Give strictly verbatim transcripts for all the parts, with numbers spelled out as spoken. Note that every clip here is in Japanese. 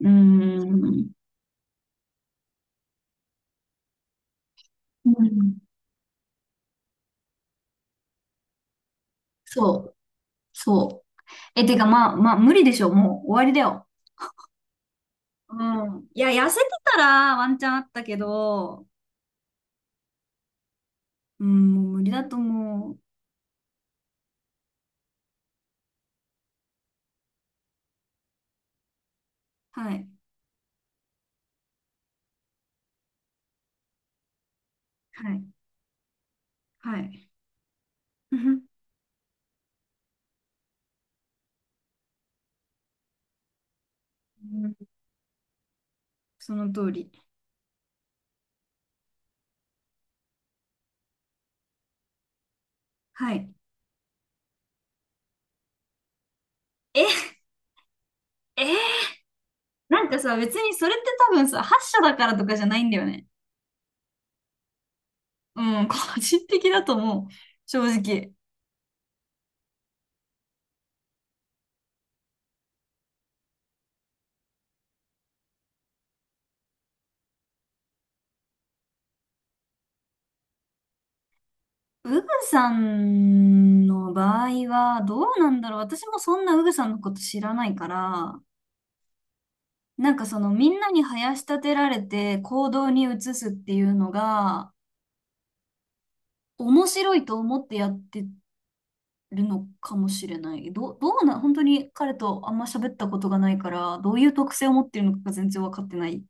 うーん。うん。そう。そう。え、てか、まあ、まあ、無理でしょ。もう終わりだよ。うん。いや、痩せてたらワンチャンあったけど、うん、もう無理だと思う。はい。はい。はい。うん。その通り。はい。え、えーなんかさ、別にそれって多分さ、発射だからとかじゃないんだよね。うん、個人的だと思う。正直。ウグさんの場合はどうなんだろう。私もそんなウグさんのこと知らないから、なんかそのみんなに囃し立てられて行動に移すっていうのが面白いと思ってやってるのかもしれない。どう、どうな、本当に彼とあんま喋ったことがないから、どういう特性を持ってるのかが全然わかってない。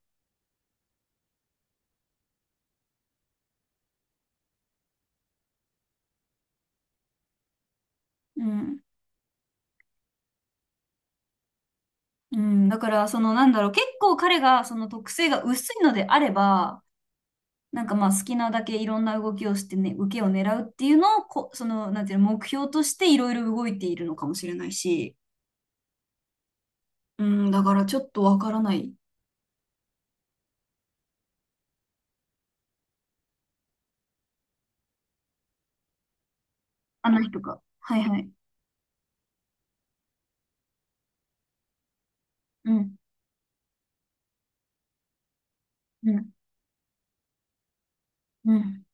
うん。うん。だからそのなんだろう。結構彼がその特性が薄いのであれば、なんかまあ好きなだけいろんな動きをしてね、受けを狙うっていうのをこ、その、なんていうの、目標としていろいろ動いているのかもしれないし、うん、だからちょっとわからない。あの人が。はいはい。うん、うん、うん、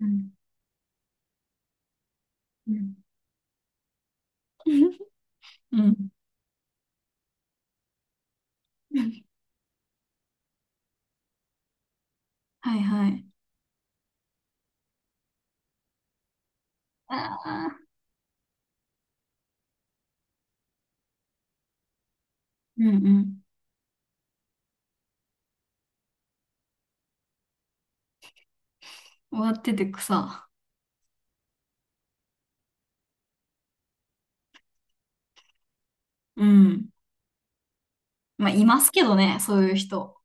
うん、うん。うん。はいはい。ああ、うんうん。終わってて草。うん。まあ、いますけどね、そういう人。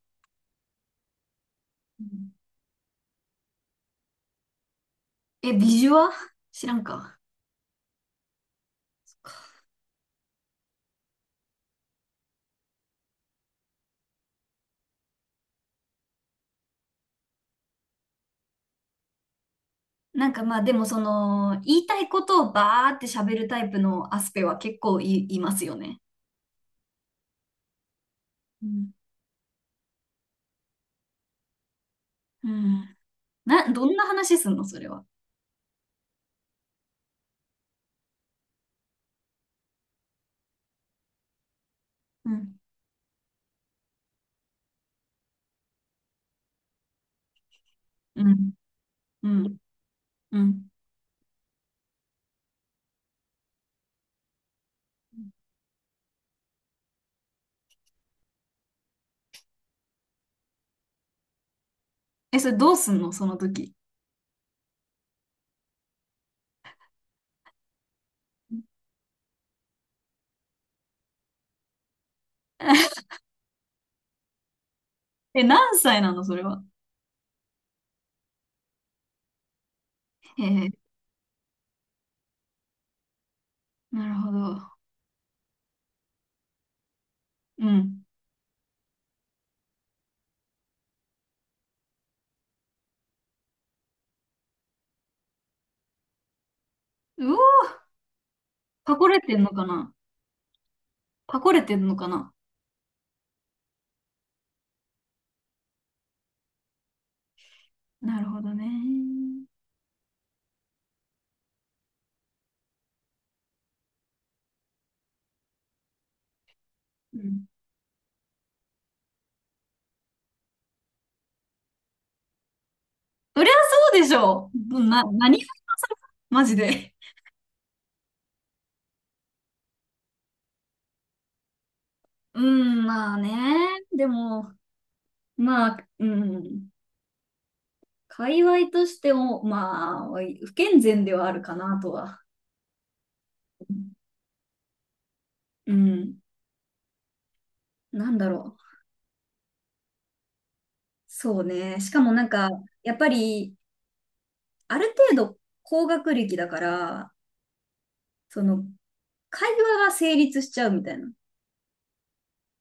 うん、え、ビジュア知らんか。なんかまあでもその言いたいことをバーって喋るタイプのアスペは結構い、いますよね。うん。うん、な、どんな話すんのそれは。うん。うん。うん。うん。え、それどうすんのその時。え、何歳なのそれは。えー、なるほど。うん。うおー、パコれてんのかな。パコれてんのかな。なるほどね。うん。そりゃそうでしょう。な、何がそれマジで。うん、まあね。でも、まあ、うん。界隈としても、まあ、不健全ではあるかなとは。うん。なんだろう。そうね。しかもなんか、やっぱり、ある程度高学歴だから、その、会話が成立しちゃうみたいな。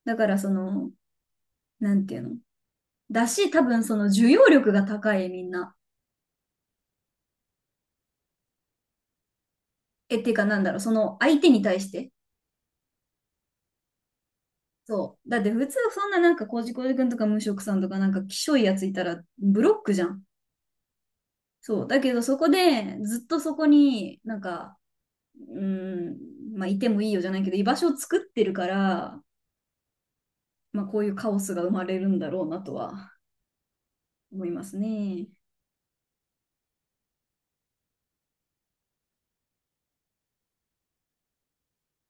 だから、その、なんていうの。だし、多分、その、受容力が高い、みんな。え、っていうか、なんだろう。その、相手に対して。そう。だって、普通、そんななんか、コージコージ君とか、無職さんとか、なんか、きしょいやついたら、ブロックじゃん。そう。だけどそこでずっとそこになんか、うん、まあいてもいいよじゃないけど、居場所を作ってるから、まあこういうカオスが生まれるんだろうなとは思いますね。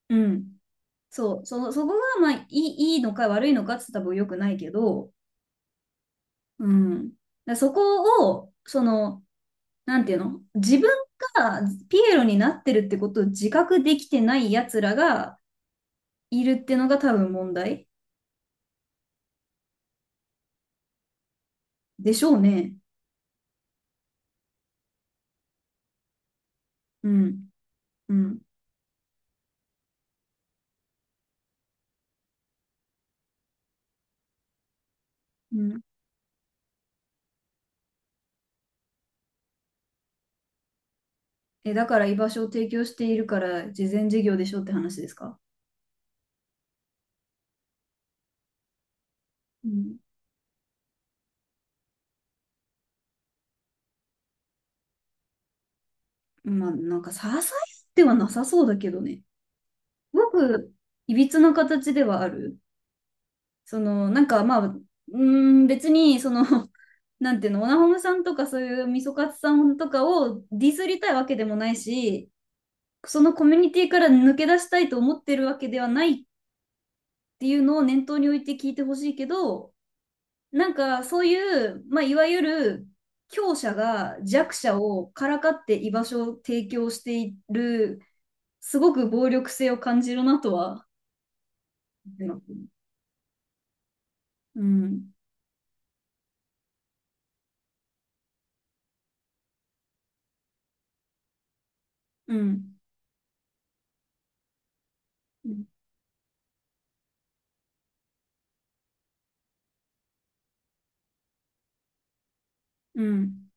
うん。そう。そ、そこがまあいい、いいのか悪いのかって言ったら多分良くないけど、うん。だからそこを、その、なんていうの、自分がピエロになってるってことを自覚できてない奴らがいるってのが多分問題でしょうね。うん。うん。うん、え、だから居場所を提供しているから慈善事業でしょって話ですか。うん。まあ、なんか、支えてはなさそうだけどね。すごく、いびつな形ではある。その、なんか、まあ、うーん、別に、その、なんていうの、オナホムさんとかそういうみそかつさんとかをディスりたいわけでもないし、そのコミュニティから抜け出したいと思ってるわけではないっていうのを念頭に置いて聞いてほしいけど、なんかそういう、まあ、いわゆる強者が弱者をからかって居場所を提供している、すごく暴力性を感じるなとは。うん、うん、うん、うん、うん。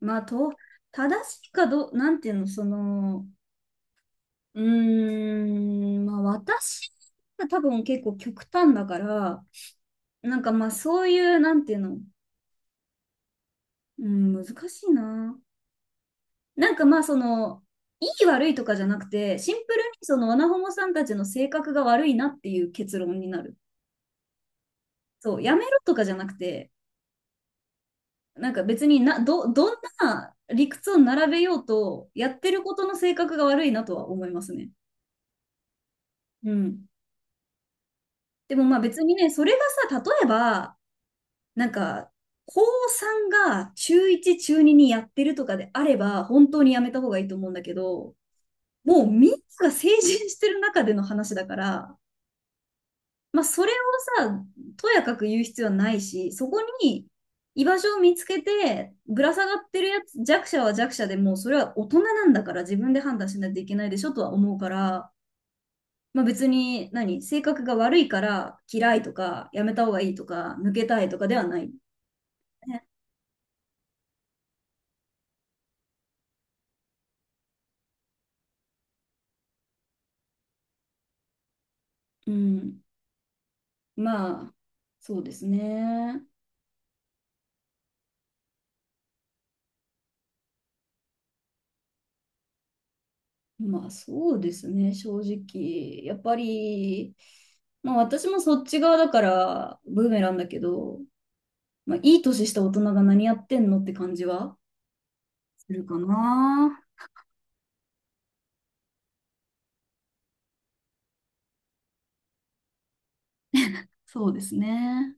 まあ、と、正しいかどう、なんていうの、その、うーん、まあ私が多分結構極端だから、なんかまあそういう、なんていうの、うん、難しいな。なんかまあその、いい悪いとかじゃなくて、シンプルにそのワナホモさんたちの性格が悪いなっていう結論になる。そう、やめろとかじゃなくて、なんか別にな、ど、どんな理屈を並べようと、やってることの性格が悪いなとは思いますね。うん。でもまあ別にね、それがさ、例えば、なんか、高こうが中いち、中ににやってるとかであれば、本当にやめた方がいいと思うんだけど、もうみんなが成人してる中での話だから、まあ、それをさ、とやかく言う必要はないし、そこに居場所を見つけて、ぶら下がってるやつ、弱者は弱者でもう、それは大人なんだから自分で判断しないといけないでしょとは思うから、まあ別に何、性格が悪いから嫌いとか、やめた方がいいとか、抜けたいとかではない、ね。うん。まあ、そうですね。まあそうですね、正直。やっぱり、まあ私もそっち側だから、ブーメランだけど、まあ、いい年した大人が何やってんのって感じはするかな。そうですね。